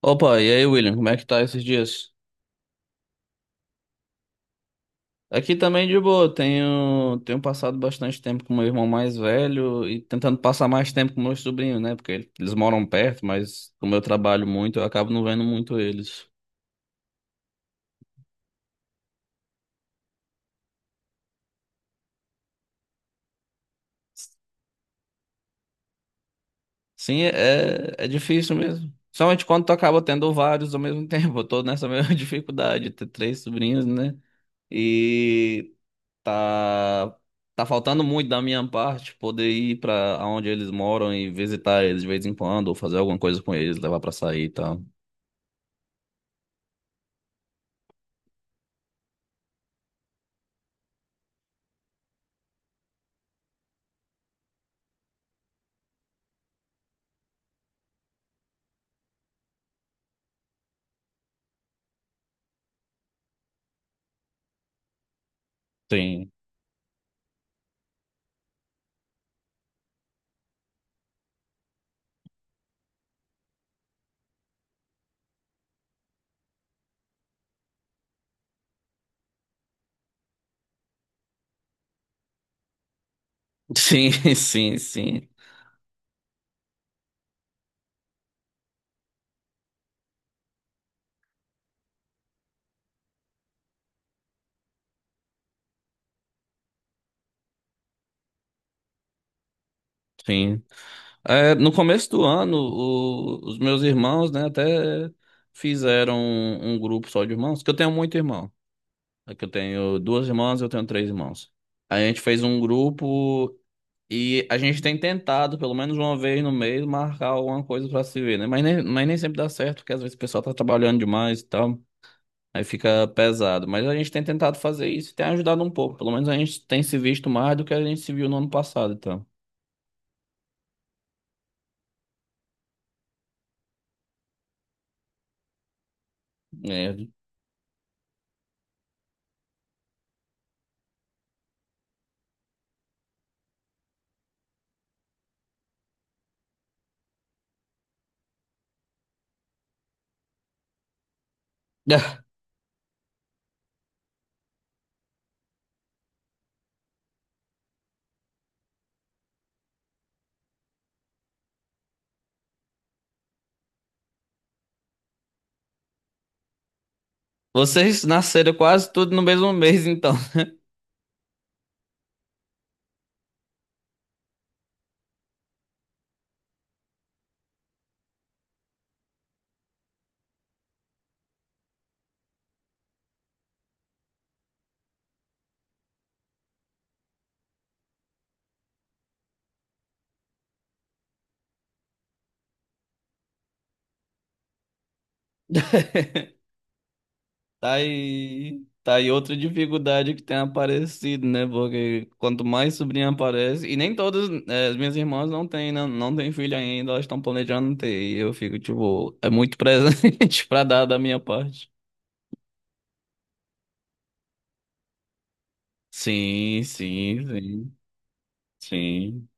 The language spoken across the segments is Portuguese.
Opa, e aí, William, como é que tá esses dias? Aqui também de boa, tenho passado bastante tempo com meu irmão mais velho e tentando passar mais tempo com meus sobrinhos, né? Porque eles moram perto, mas como eu trabalho muito, eu acabo não vendo muito eles. Sim, é difícil mesmo. Somente quando tu acaba tendo vários ao mesmo tempo. Eu tô nessa mesma dificuldade, ter três sobrinhos, né? E Tá, tá faltando muito da minha parte poder ir pra onde eles moram e visitar eles de vez em quando, ou fazer alguma coisa com eles, levar pra sair e tal. Sim. Sim, sim, sim, sim. É, no começo do ano, os meus irmãos, né, até fizeram um grupo só de irmãos, que eu tenho muito irmão. É que eu tenho duas irmãs, eu tenho três irmãos. A gente fez um grupo. E a gente tem tentado, pelo menos uma vez no mês, marcar alguma coisa pra se ver, né? Mas nem sempre dá certo, porque às vezes o pessoal tá trabalhando demais e tal. Aí fica pesado. Mas a gente tem tentado fazer isso e tem ajudado um pouco. Pelo menos a gente tem se visto mais do que a gente se viu no ano passado, então. É. Vocês nasceram quase tudo no mesmo mês, então. Tá aí outra dificuldade que tem aparecido, né? Porque quanto mais sobrinha aparece, e nem todas, as minhas irmãs não têm, não, não têm filho ainda, elas estão planejando ter, e eu fico, tipo, é muito presente pra dar da minha parte. Sim, sim, sim, sim,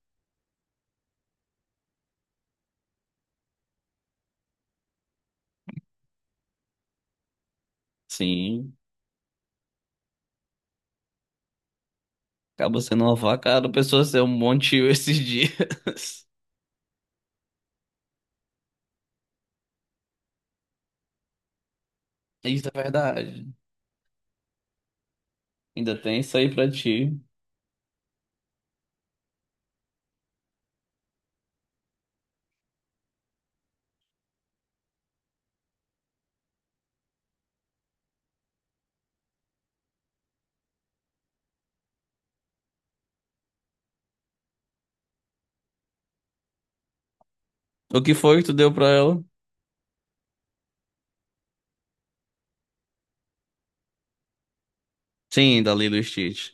sim. Acaba sendo uma facada, a pessoa ser um bom tio esses dias. Isso é verdade. Ainda tem isso aí pra ti. O que foi que tu deu pra ela? Sim, dali do Stitch.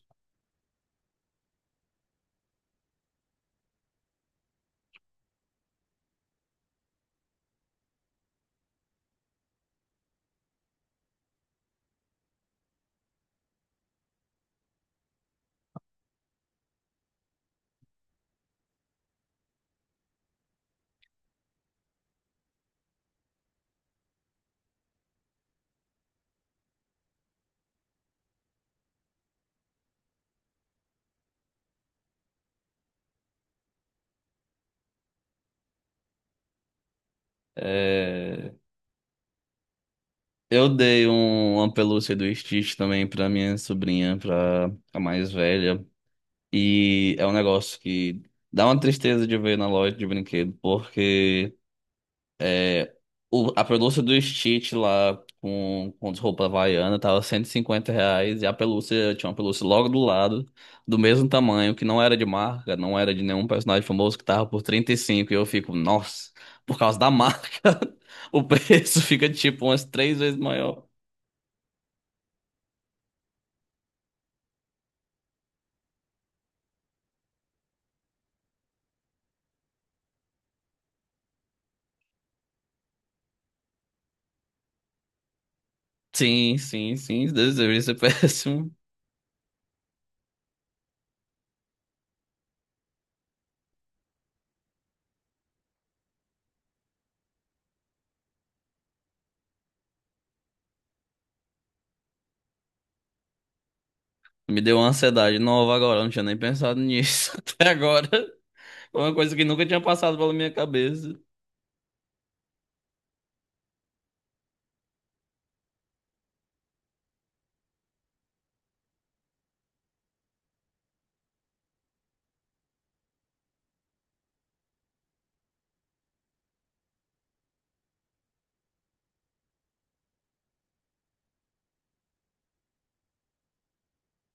É. Eu dei uma pelúcia do Stitch também pra minha sobrinha, pra a mais velha. E é um negócio que dá uma tristeza de ver na loja de brinquedo, porque é, a pelúcia do Stitch lá com as roupas havaiana tava R$ 150 e a pelúcia, tinha uma pelúcia logo do lado, do mesmo tamanho, que não era de marca, não era de nenhum personagem famoso, que tava por 35 e cinco. E eu fico, nossa, por causa da marca, o preço fica tipo umas três vezes maior. Sim, sim, sim. Deus, deveria ser péssimo. Me deu uma ansiedade nova agora. Eu Não tinha nem pensado nisso até agora. Foi uma coisa que nunca tinha passado pela minha cabeça.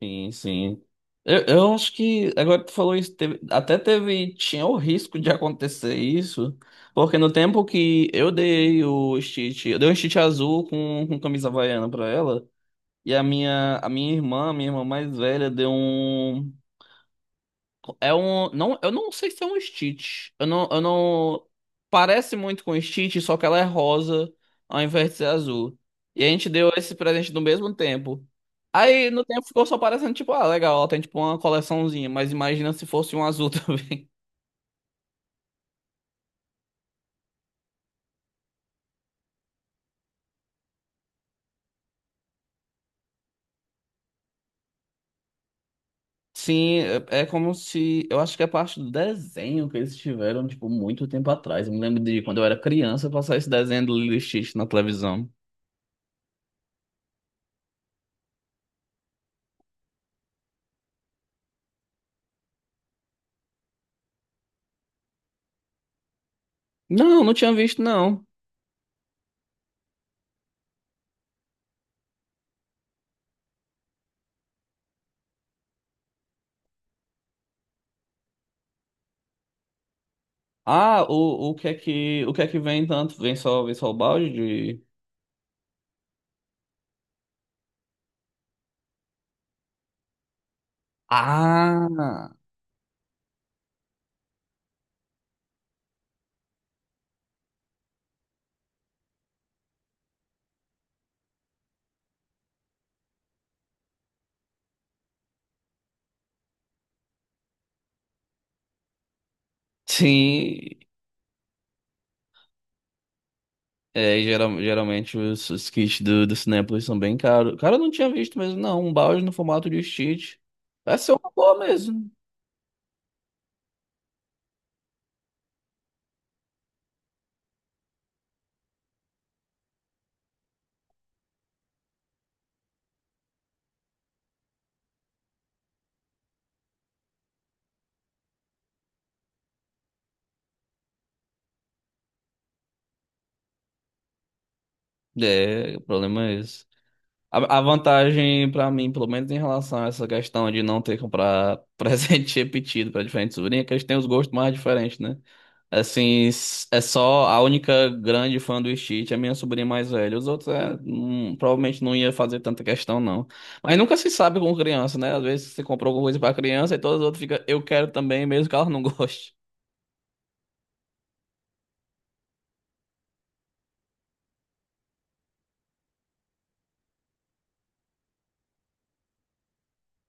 Sim, sim. Eu acho que agora que tu falou isso, tinha o risco de acontecer isso, porque no tempo que eu dei o Stitch, eu dei um Stitch azul com camisa havaiana pra ela, e a minha irmã mais velha, deu um. É um. Não, eu não sei se é um Stitch. Eu não, eu não. Parece muito com Stitch, só que ela é rosa ao invés de ser azul. E a gente deu esse presente no mesmo tempo. Aí no tempo ficou só parecendo, tipo, ah, legal, ela tem tipo uma coleçãozinha, mas imagina se fosse um azul também. Sim, é é como se. Eu acho que é parte do desenho que eles tiveram, tipo, muito tempo atrás. Eu me lembro de quando eu era criança passar esse desenho do Lilo e Stitch na televisão. Não, não tinha visto, não. Ah, o que é que o que é que vem tanto? Vem só o balde de... Ah, sim. É, geralmente os kits do Cinépolis são bem caros. Cara, eu não tinha visto mesmo, não. Um balde no formato de cheat. Vai ser uma boa mesmo. É, o problema é esse. A vantagem pra mim, pelo menos em relação a essa questão de não ter que comprar presente repetido pra diferentes sobrinhas, é que eles têm os gostos mais diferentes, né? Assim, é só a única grande fã do Stitch, é minha sobrinha mais velha. Os outros é, provavelmente não ia fazer tanta questão, não. Mas nunca se sabe com criança, né? Às vezes você comprou alguma coisa pra criança e todas as outras ficam, eu quero também, mesmo que ela não goste.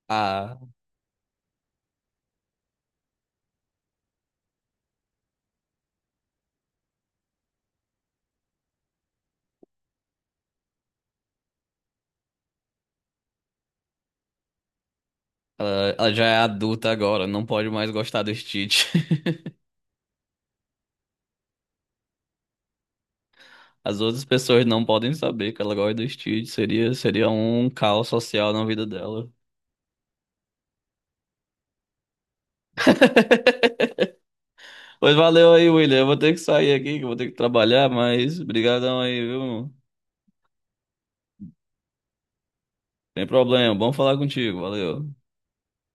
Ah, ela já é adulta agora, não pode mais gostar do Stitch. As outras pessoas não podem saber que ela gosta do Stitch. Seria um caos social na vida dela. Pois valeu aí, William. Eu vou ter que sair aqui, que eu vou ter que trabalhar, mas brigadão aí, viu? Tem problema, bom falar contigo, valeu.